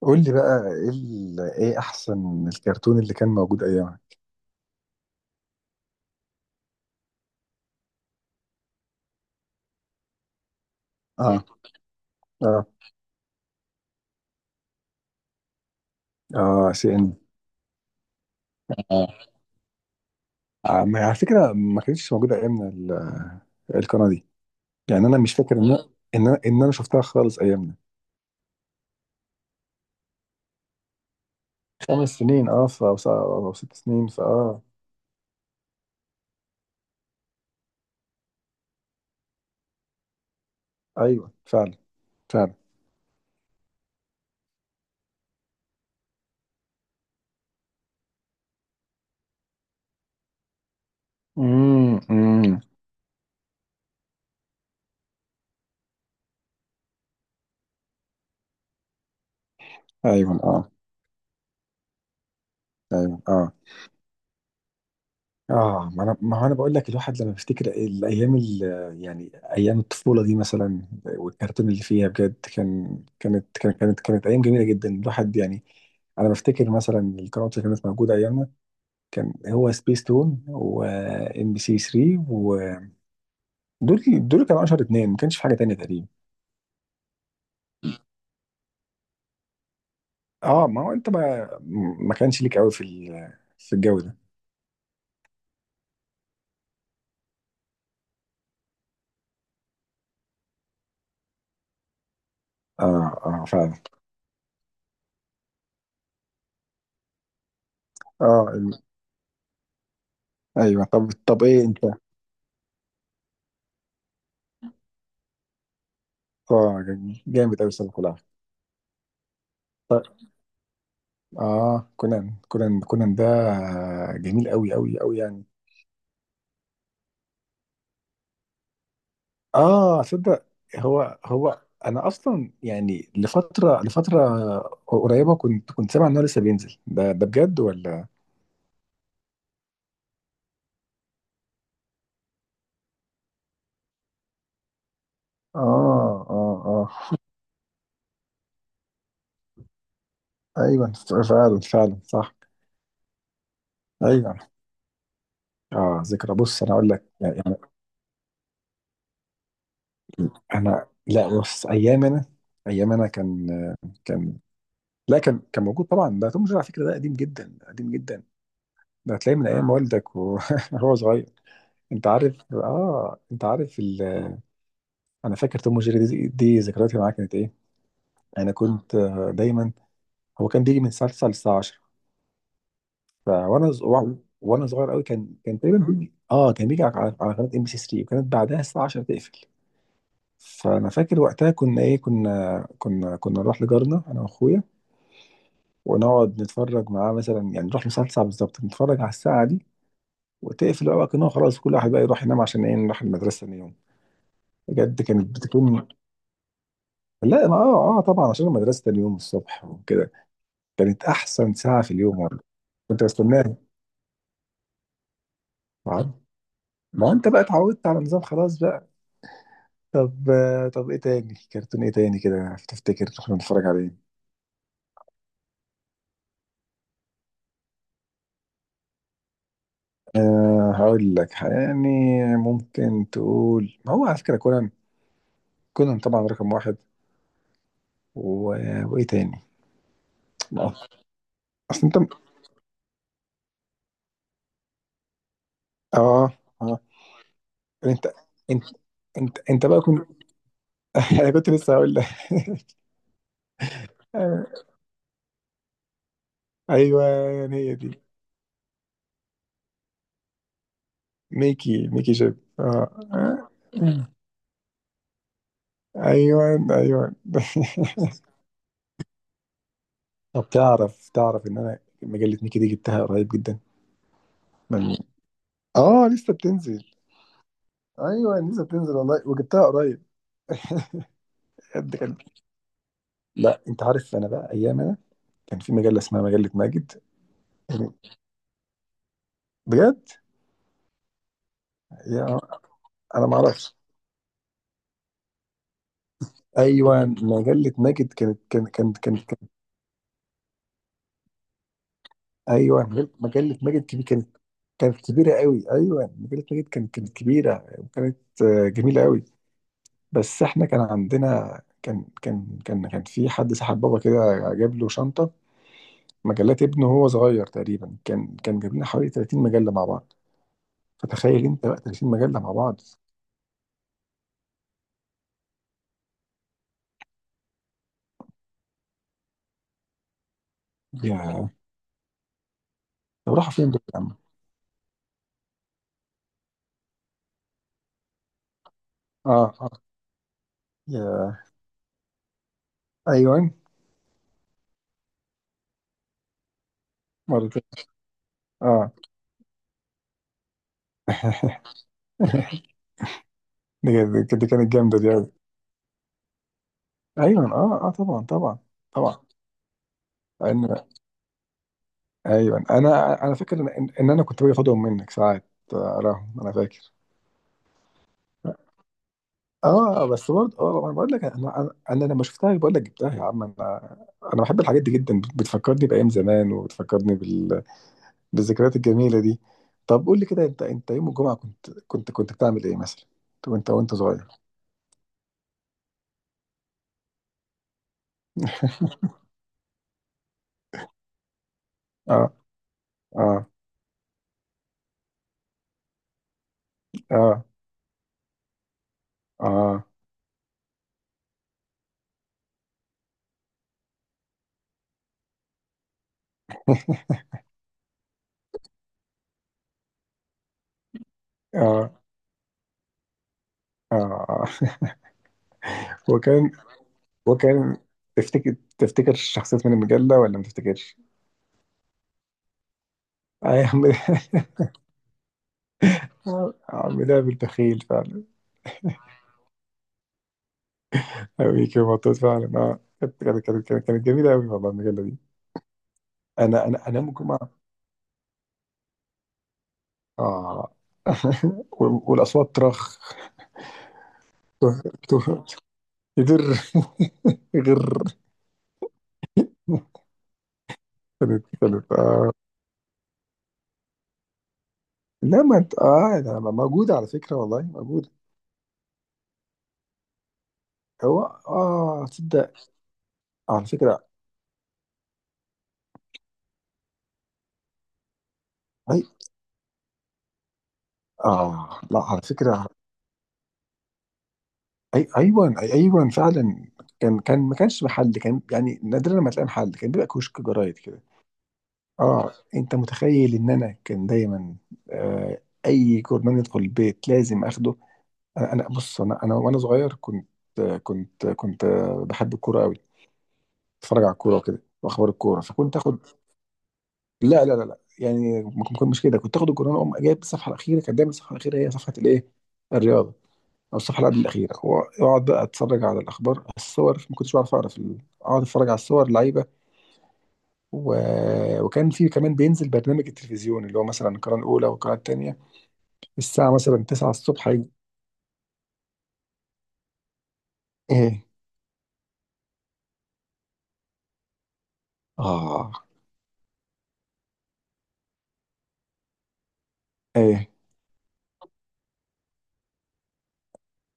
قول لي بقى ايه احسن الكرتون اللي كان موجود ايامها؟ اه. اه. اه، سي ان. اه. آه، على فكره ما كانتش موجوده ايامنا القناه دي. يعني انا مش فاكر ان انا شفتها خالص ايامنا. خمس سنين، أو ست سنين ايوه فعلا. فعلا. امم. أمم. ايوه اه. ايوه اه. اه، ما انا، ما هو انا بقول لك، الواحد لما بيفتكر الايام يعني ايام الطفوله دي مثلا، والكرتون اللي فيها بجد كانت ايام جميله جدا الواحد يعني. انا بفتكر مثلا القنوات اللي كانت موجوده ايامنا، كان هو سبيس تون وام بي سي 3، ودول كانوا اشهر اتنين، ما كانش في حاجه تانية تقريبا. اه، ما هو انت ما كانش ليك قوي في الجو ده. اه. اه فعلا. اه، ايوه. طب ايه انت؟ اه، جامد قوي السنه كلها. اه، كونان. كونان كونان ده جميل قوي قوي قوي يعني. اه، صدق. هو هو انا اصلا يعني لفتره قريبه كنت سامع ان هو لسه بينزل ده بجد ولا؟ اه. اه. اه. ايوه فعلا. فعلا صح. ايوه اه، ذكرى. بص، انا اقول لك يعني. انا، لا. بص، ايام انا كان. لا، كان موجود طبعا، ده توم جيري على فكره، ده قديم جدا قديم جدا. ده هتلاقيه من ايام والدك وهو صغير. انت عارف ال... انا فاكر توم وجيري دي ذكرياتي معاه كانت ايه. انا كنت دايما. هو كان بيجي من الساعه 9 للساعه 10. فوانا ز- وع- وانا صغير قوي كان تقريبا بيجي اه كان بيجي على قناه ام بي سي 3، وكانت بعدها الساعه 10 تقفل. فانا فاكر وقتها كنا ايه كنا كنا كنا نروح لجارنا انا واخويا، ونقعد نتفرج معاه مثلا. يعني نروح للساعه 9 بالظبط نتفرج على الساعه دي، وتقفل بقى. كنا خلاص كل واحد بقى يروح ينام عشان ايه نروح المدرسه تاني يوم. بجد كانت بتكون. لا انا، طبعا عشان المدرسه تاني يوم الصبح وكده، كانت احسن ساعه في اليوم والله. كنت بستناها. عارف؟ ما انت بقى اتعودت على النظام خلاص بقى. طب ايه تاني كرتون، ايه تاني كده تفتكر كنا بنتفرج عليه؟ هقول لك يعني، ممكن تقول، ما هو على فكره كونان، كونان طبعا رقم واحد و... وايه تاني ما- اصل انت اه آه. انت انت انت بقى كنت. انا كنت لسه هقول لك. ايوه، يعني هي دي ميكي، ميكي جيب. آه. آه. اه. مم. ايوه. ايوه. طب، تعرف ان انا مجلة ميكي دي جبتها قريب جدا من... اه، لسه بتنزل. ايوه، لسه بتنزل والله وجبتها قريب. بجد كان. لا، انت عارف، انا بقى ايام انا كان في مجله اسمها مجله ماجد. بجد. يا، انا ما اعرفش. ايوه، مجله ماجد كانت. ايوه مجلة ماجد كبيره، كانت كبيره قوي. ايوه مجله ماجد كانت كبيره. وكانت جميله قوي. بس احنا كان عندنا، كان كان كان كان في حد سحب بابا كده، جاب له شنطة مجلات ابنه وهو صغير تقريبا. كان جاب لنا حوالي 30 مجلة مع بعض، فتخيل انت بقى 30 مجلة مع بعض. يا، طب راحوا فين دول يا عم؟ اه. اه. يا، ايوه، مرتين. اه. دي دي كانت جامدة دي أوي. ايوه اه. اه طبعا طبعا طبعا. أنا، ايوه، انا فاكر ان انا كنت باجي اخدهم منك ساعات، اراهم. انا فاكر. اه بس برضه، انا بقول لك، انا لما شفتها، بقول لك جبتها يا عم. انا، انا بحب الحاجات دي جدا، بتفكرني بايام زمان، وبتفكرني بالذكريات الجميله دي. طب، قول لي كده، انت يوم الجمعه كنت بتعمل ايه مثلا وانت صغير؟ اه. اه. اه. اه. اه. اه. وكان وكان، تفتكر الشخصيات من المجله ولا ما تفتكرش؟ آه يا عم. آه يا عم، ده بالبخيل فعلا. أوي كده مبسوط فعلا. اه، كانت جميله قوي والله، المجله دي. انا انام الجمعه. اه. والاصوات ترخ. ته- ته- يدر. غر. كانت آه. لا ما انت، ده موجوده على فكره، والله موجوده. هو، اه تصدق، على فكره. اي. اه لا، على فكره. اي ايوه. أي ايوه فعلا. كان ما كانش محل، كان يعني نادرا ما تلاقي محل، كان بيبقى كشك جرايد كده. اه، انت متخيل ان انا كان دايما اي كورنيش يدخل البيت لازم اخده. بص، انا وانا صغير كنت بحب الكوره قوي، اتفرج على الكوره وكده واخبار الكوره، فكنت اخد. لا، لا، لا، لا، يعني ما كنت مش كده، كنت اخد الكوره اقوم جايب الصفحه الاخيره. كانت دايما الصفحه الاخيره هي صفحه الرياضه، او الصفحه اللي قبل الاخيره، واقعد بقى اتفرج على الاخبار، الصور. ما كنتش بعرف اقرا اقعد اتفرج على الصور، لعيبه و... وكان في كمان بينزل برنامج التلفزيون، اللي هو مثلا القناه الاولى والقناه الثانيه الساعه مثلا 9 الصبح يجي. ايه. اه ايه.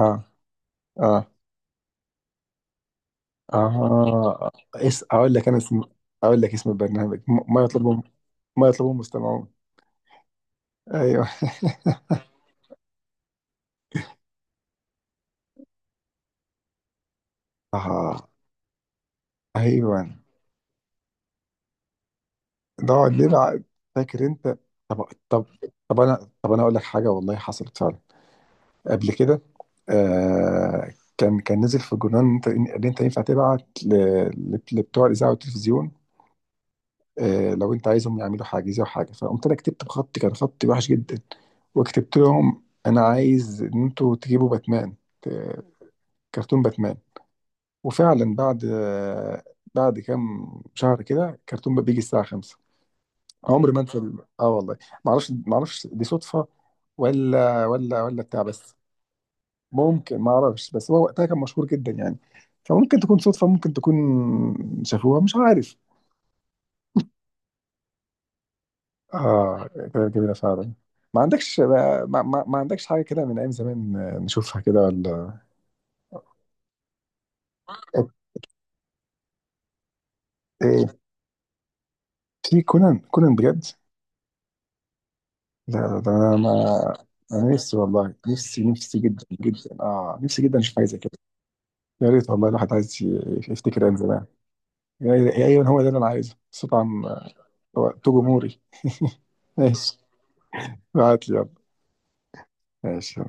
اه. اه. آه، أقول لك أنا اسم. أقول لك اسم البرنامج، ما يطلبه مستمعون. أيوه. آه أيوه. نقعد نلعب. فاكر أنت؟ طب. طب طب أنا أقول لك حاجة، والله حصلت فعلا قبل كده. آه، كان نزل في الجرنال إن أنت ينفع تبعت لبتوع الإذاعة والتلفزيون. آه لو أنت عايزهم يعملوا حاجة أو حاجة، فقمت أنا كتبت بخط، كان خط وحش جدا، وكتبت لهم أنا عايز إن أنتوا تجيبوا باتمان، كرتون باتمان. وفعلا بعد كام شهر كده، كرتون بقى بيجي الساعة 5. عمري ما انسى والله. ما اعرفش، ما اعرفش دي صدفة ولا بتاع بس. ممكن، ما اعرفش، بس هو وقتها كان مشهور جدا يعني، فممكن تكون صدفة، ممكن تكون شافوها، مش عارف. اه، كده جميلة فعلا. ما عندكش ما, ما, ما عندكش حاجة كده من ايام زمان نشوفها كده ولا؟ ايه إيه، في كونان؟ كونان بجد؟ لا، لا، ده انا ما، انا نفسي والله، نفسي نفسي جدا جدا، نفسي جدا اشوف حاجه زي كده. يا ريت والله، الواحد عايز يفتكر ايام زمان. يا ايوه، هو ده اللي انا عايزه بس طبعا. وقته جمهوري. ماشي. ابعت لي يلا. ماشي